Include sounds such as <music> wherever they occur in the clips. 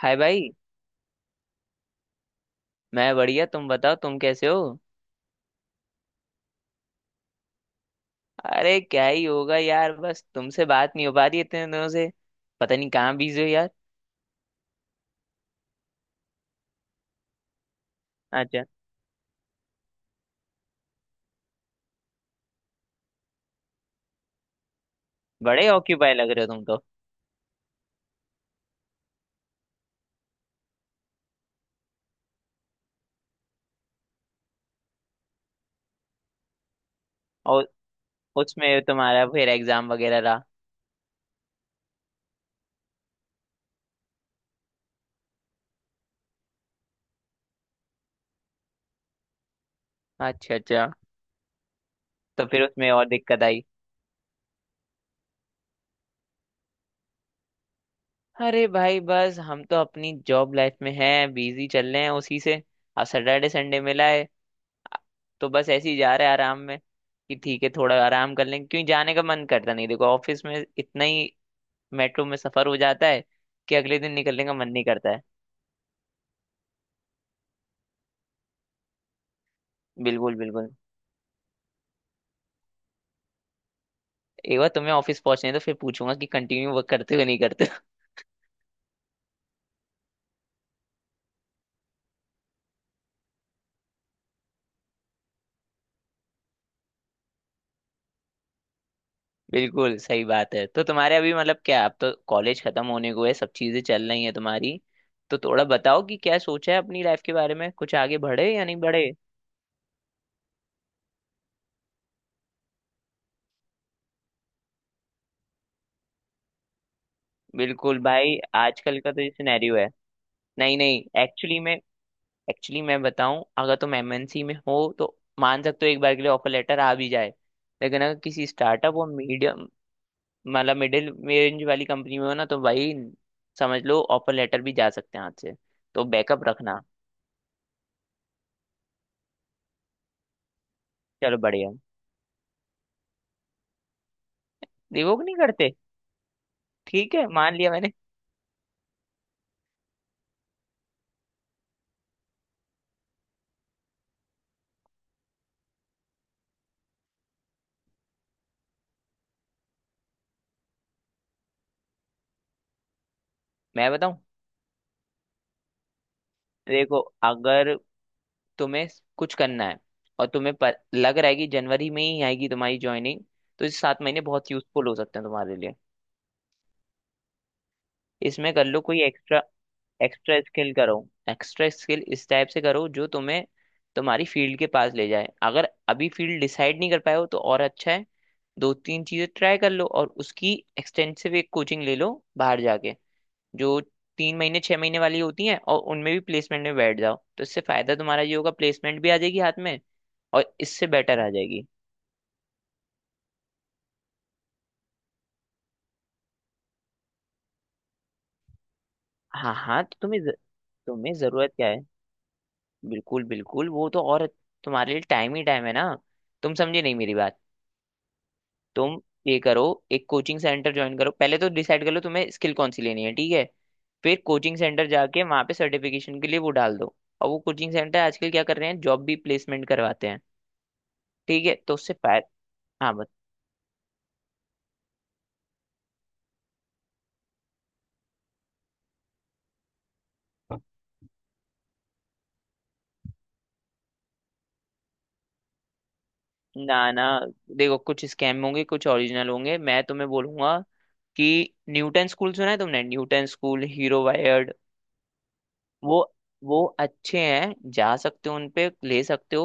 हाय भाई। मैं बढ़िया, तुम बताओ, तुम कैसे हो? अरे क्या ही होगा यार, बस तुमसे बात नहीं हो पा रही इतने दिनों से। पता नहीं कहाँ बिजी हो यार। अच्छा। बड़े ऑक्यूपाई लग रहे हो तुम तो। और उसमें तुम्हारा फिर एग्जाम वगैरह रहा? अच्छा अच्छा। तो फिर उसमें और दिक्कत आई? अरे भाई, बस हम तो अपनी जॉब लाइफ में हैं, बिजी चल रहे हैं उसी से। अब सैटरडे संडे मिला है तो बस ऐसे ही जा रहे हैं आराम में। कि ठीक है, थोड़ा आराम कर लें, क्यों जाने का मन करता नहीं, देखो ऑफिस में इतना ही मेट्रो में सफर हो जाता है कि अगले दिन निकलने का मन नहीं करता है। बिल्कुल बिल्कुल। एक बार तुम्हें ऑफिस पहुंचने तो फिर पूछूंगा कि कंटिन्यू वर्क करते हो नहीं करते हो। <laughs> बिल्कुल सही बात है। तो तुम्हारे अभी मतलब क्या, अब तो कॉलेज खत्म होने को है, सब चीजें चल रही हैं तुम्हारी, तो थोड़ा बताओ कि क्या सोचा है अपनी लाइफ के बारे में, कुछ आगे बढ़े या नहीं बढ़े? बिल्कुल भाई, आजकल का तो ये सिनेरियो है। नहीं नहीं, एक्चुअली मैं बताऊं, अगर तुम MNC में हो तो मान सकते हो एक बार के लिए ऑफर लेटर आ भी जाए। लेकिन अगर किसी स्टार्टअप और मीडियम मतलब मिडिल रेंज वाली कंपनी में हो ना तो भाई समझ लो ऑफर लेटर भी जा सकते हैं हाथ से। तो बैकअप रखना। चलो बढ़िया। रिवोक नहीं करते। ठीक है, मान लिया मैंने। मैं बताऊं, देखो अगर तुम्हें कुछ करना है और लग रहा है कि जनवरी में ही आएगी तुम्हारी ज्वाइनिंग, तो इस 7 महीने बहुत यूजफुल हो सकते हैं तुम्हारे लिए। इसमें कर लो कोई एक्स्ट्रा एक्स्ट्रा स्किल करो, एक्स्ट्रा स्किल इस टाइप से करो जो तुम्हें तुम्हारी फील्ड के पास ले जाए। अगर अभी फील्ड डिसाइड नहीं कर पाए हो तो और अच्छा है। दो तीन चीजें ट्राई कर लो और उसकी एक्सटेंसिव एक कोचिंग ले लो बाहर जाके, जो 3 महीने 6 महीने वाली होती हैं, और उनमें भी प्लेसमेंट में बैठ जाओ तो इससे फायदा तुम्हारा ये होगा प्लेसमेंट भी आ जाएगी हाथ में और इससे बेटर आ जाएगी। हाँ हाँ, तो तुम्हें जरूरत क्या है? बिल्कुल बिल्कुल, वो तो और तुम्हारे लिए टाइम ही टाइम है ना। तुम समझे नहीं मेरी बात? तुम ये करो, एक कोचिंग सेंटर ज्वाइन करो, पहले तो डिसाइड कर लो तुम्हें स्किल कौन सी लेनी है, ठीक है? फिर कोचिंग सेंटर जाके वहां पे सर्टिफिकेशन के लिए वो डाल दो। और वो कोचिंग सेंटर आजकल क्या कर रहे हैं, जॉब भी प्लेसमेंट करवाते हैं। ठीक है तो उससे फाय हाँ, बस। ना ना, देखो कुछ स्कैम होंगे कुछ ओरिजिनल होंगे। मैं तुम्हें बोलूंगा कि न्यूटन स्कूल सुना है तुमने? Newton school, Hero Vired. वो वो अच्छे हैं, जा सकते हो, उनपे ले सकते हो।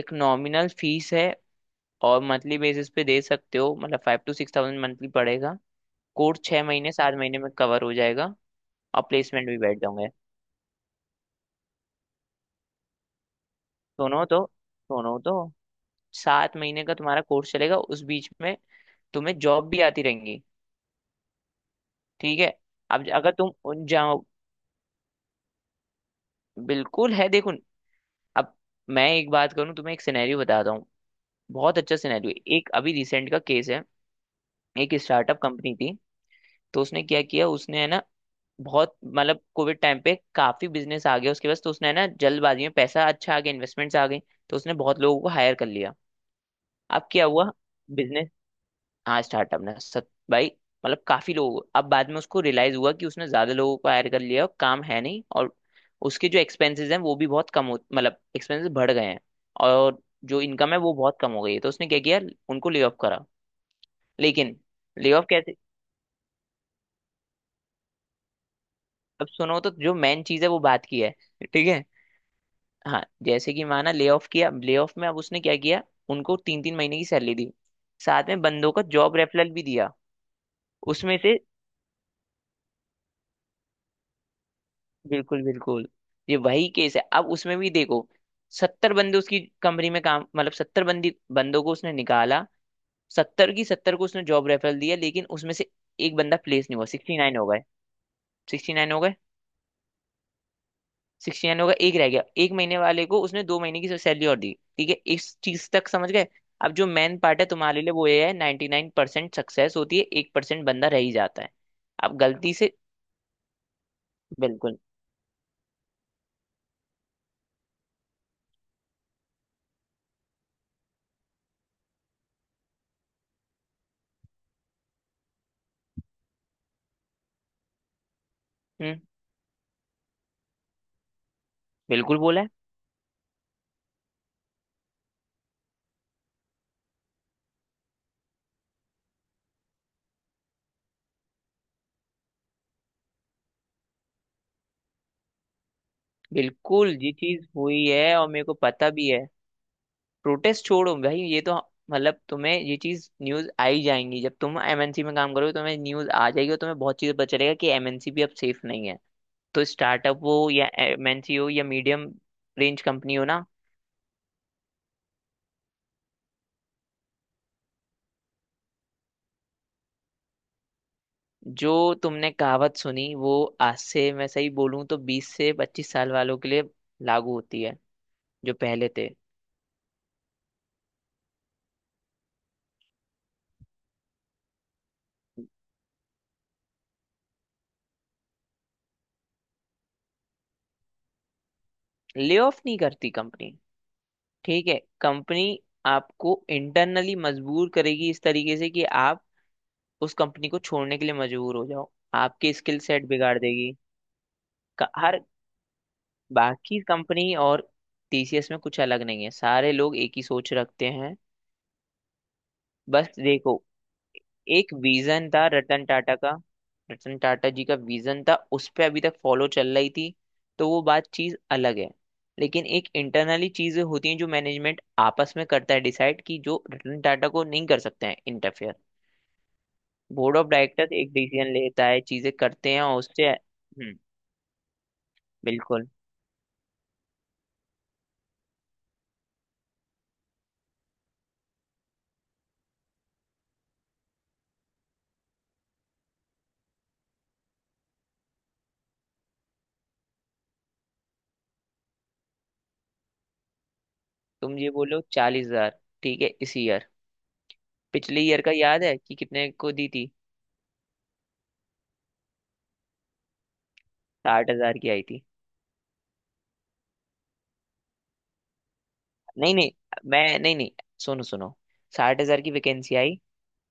एक नॉमिनल फीस है और मंथली बेसिस पे दे सकते हो, मतलब 5 to 6 thousand मंथली पड़ेगा। कोर्स 6 महीने 7 महीने में कवर हो जाएगा और प्लेसमेंट भी बैठ जाओगे। दोनों तो दोनों तो 7 महीने का तुम्हारा कोर्स चलेगा, उस बीच में तुम्हें जॉब भी आती रहेंगी। ठीक है। अब अगर तुम उन जाओ, बिल्कुल है देखो। अब मैं एक बात करूं, तुम्हें एक सिनेरियो बताता हूँ, बहुत अच्छा सिनेरियो, एक अभी रिसेंट का केस है। एक स्टार्टअप कंपनी थी, तो उसने क्या किया, उसने है ना बहुत मतलब कोविड टाइम पे काफी बिजनेस आ गया उसके पास, तो उसने है ना जल्दबाजी में, पैसा अच्छा आ गया, इन्वेस्टमेंट्स आ गई, तो उसने बहुत लोगों को हायर कर लिया। अब क्या हुआ? बिजनेस, हाँ स्टार्टअप ने सत भाई मतलब काफी लोग, अब बाद में उसको रियलाइज हुआ कि उसने ज्यादा लोगों को हायर कर लिया और काम है नहीं, और उसके जो एक्सपेंसेस हैं वो भी बहुत कम हो, मतलब एक्सपेंसेस बढ़ गए हैं और जो इनकम है वो बहुत कम हो गई है, तो उसने क्या किया, उनको ले ऑफ करा। लेकिन ले ऑफ कैसे? अब सुनो तो, जो मेन चीज है वो बात की है। ठीक है। हाँ जैसे कि माना ले ऑफ किया, ले ऑफ में अब उसने क्या किया, उनको 3-3 महीने की सैलरी दी, साथ में बंदों को जॉब रेफरल भी दिया। उसमें से, बिल्कुल बिल्कुल, ये वही केस है। अब उसमें भी देखो, 70 बंदे उसकी कंपनी में काम, मतलब 70 बंदी बंदों को उसने निकाला, 70 की 70 को उसने जॉब रेफरल दिया, लेकिन उसमें से एक बंदा प्लेस नहीं हुआ, 69 हो गए। 69 हो गए, सिक्सटी नाइन होगा एक रह गया, एक महीने वाले को उसने 2 महीने की सैलरी और दी। ठीक है, इस चीज तक समझ गए? अब जो मेन पार्ट है तुम्हारे लिए वो ये है, 99% सक्सेस होती है, 1% बंदा रह ही जाता है। अब गलती से, बिल्कुल। हम्म। बिल्कुल बोला है। बिल्कुल ये चीज हुई है और मेरे को पता भी है। प्रोटेस्ट छोड़ो भाई ये तो, मतलब तुम्हें ये चीज न्यूज आ ही जाएंगी जब तुम MNC में काम करोगे, तुम्हें न्यूज आ जाएगी और तुम्हें बहुत चीजें पता चलेगा कि MNC भी अब सेफ नहीं है। तो स्टार्टअप हो या MNC हो या मीडियम रेंज कंपनी हो ना, जो तुमने कहावत सुनी वो आज से मैं सही बोलूं तो 20 से 25 साल वालों के लिए लागू होती है, जो पहले थे। ले ऑफ नहीं करती कंपनी, ठीक है। कंपनी आपको इंटरनली मजबूर करेगी इस तरीके से कि आप उस कंपनी को छोड़ने के लिए मजबूर हो जाओ, आपके स्किल सेट बिगाड़ देगी। हर, बाकी कंपनी और TCS में कुछ अलग नहीं है, सारे लोग एक ही सोच रखते हैं। बस देखो, एक विजन था रतन टाटा का, रतन टाटा जी का विजन था, उस पे अभी तक फॉलो चल रही थी, तो वो बात चीज अलग है। लेकिन एक इंटरनली चीजें होती हैं जो मैनेजमेंट आपस में करता है डिसाइड, कि जो रतन टाटा को नहीं कर सकते हैं इंटरफेयर, बोर्ड ऑफ डायरेक्टर्स एक डिसीजन लेता है, चीजें करते हैं और उससे। हम्म। बिल्कुल। तुम ये बोलो 40,000, ठीक है इस ईयर, पिछले ईयर का याद है कि कितने को दी थी? 60,000 की आई थी। नहीं नहीं, मैं नहीं नहीं सुनो सुनो, 60,000 की वैकेंसी आई,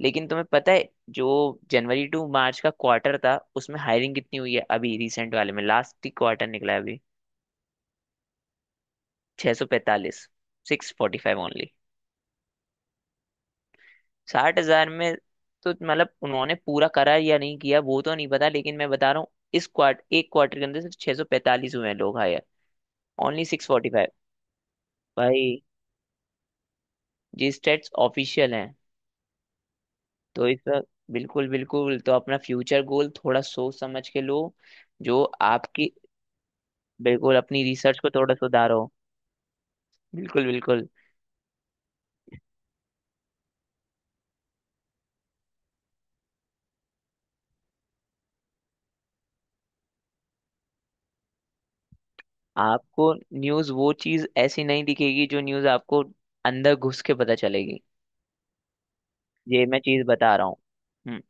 लेकिन तुम्हें पता है जो जनवरी टू मार्च का क्वार्टर था उसमें हायरिंग कितनी हुई है, अभी रिसेंट वाले में लास्ट ही क्वार्टर निकला है अभी, 645, सिक्स फोर्टी फाइव ओनली, 60,000 में। तो मतलब उन्होंने पूरा करा या नहीं किया वो तो नहीं पता, लेकिन मैं बता रहा हूँ इस क्वार्टर, एक क्वार्टर के अंदर सिर्फ 645 हुए हैं लोग hire, only six forty five. भाई जी, स्टेट्स ऑफिशियल हैं। तो इस वक्त बिल्कुल बिल्कुल, तो अपना फ्यूचर गोल थोड़ा सोच समझ के लो जो आपकी। बिल्कुल, अपनी रिसर्च को थोड़ा सुधारो। बिल्कुल बिल्कुल। आपको न्यूज़ वो चीज़ ऐसी नहीं दिखेगी जो न्यूज़ आपको अंदर घुस के पता चलेगी। ये मैं चीज़ बता रहा हूँ। हम्म।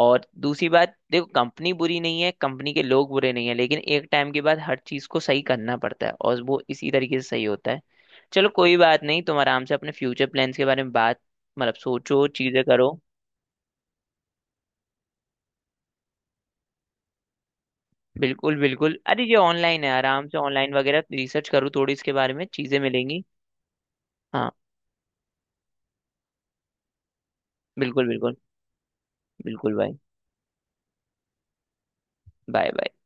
और दूसरी बात देखो, कंपनी बुरी नहीं है, कंपनी के लोग बुरे नहीं है, लेकिन एक टाइम के बाद हर चीज़ को सही करना पड़ता है और वो इसी तरीके से सही होता है। चलो कोई बात नहीं, तुम आराम से अपने फ्यूचर प्लान्स के बारे में बात, मतलब सोचो, चीज़ें करो। बिल्कुल बिल्कुल, अरे ये ऑनलाइन है, आराम से ऑनलाइन वगैरह रिसर्च करो, थोड़ी इसके बारे में चीज़ें मिलेंगी। हाँ। बिल्कुल बिल्कुल। बिल्कुल भाई। Bye bye.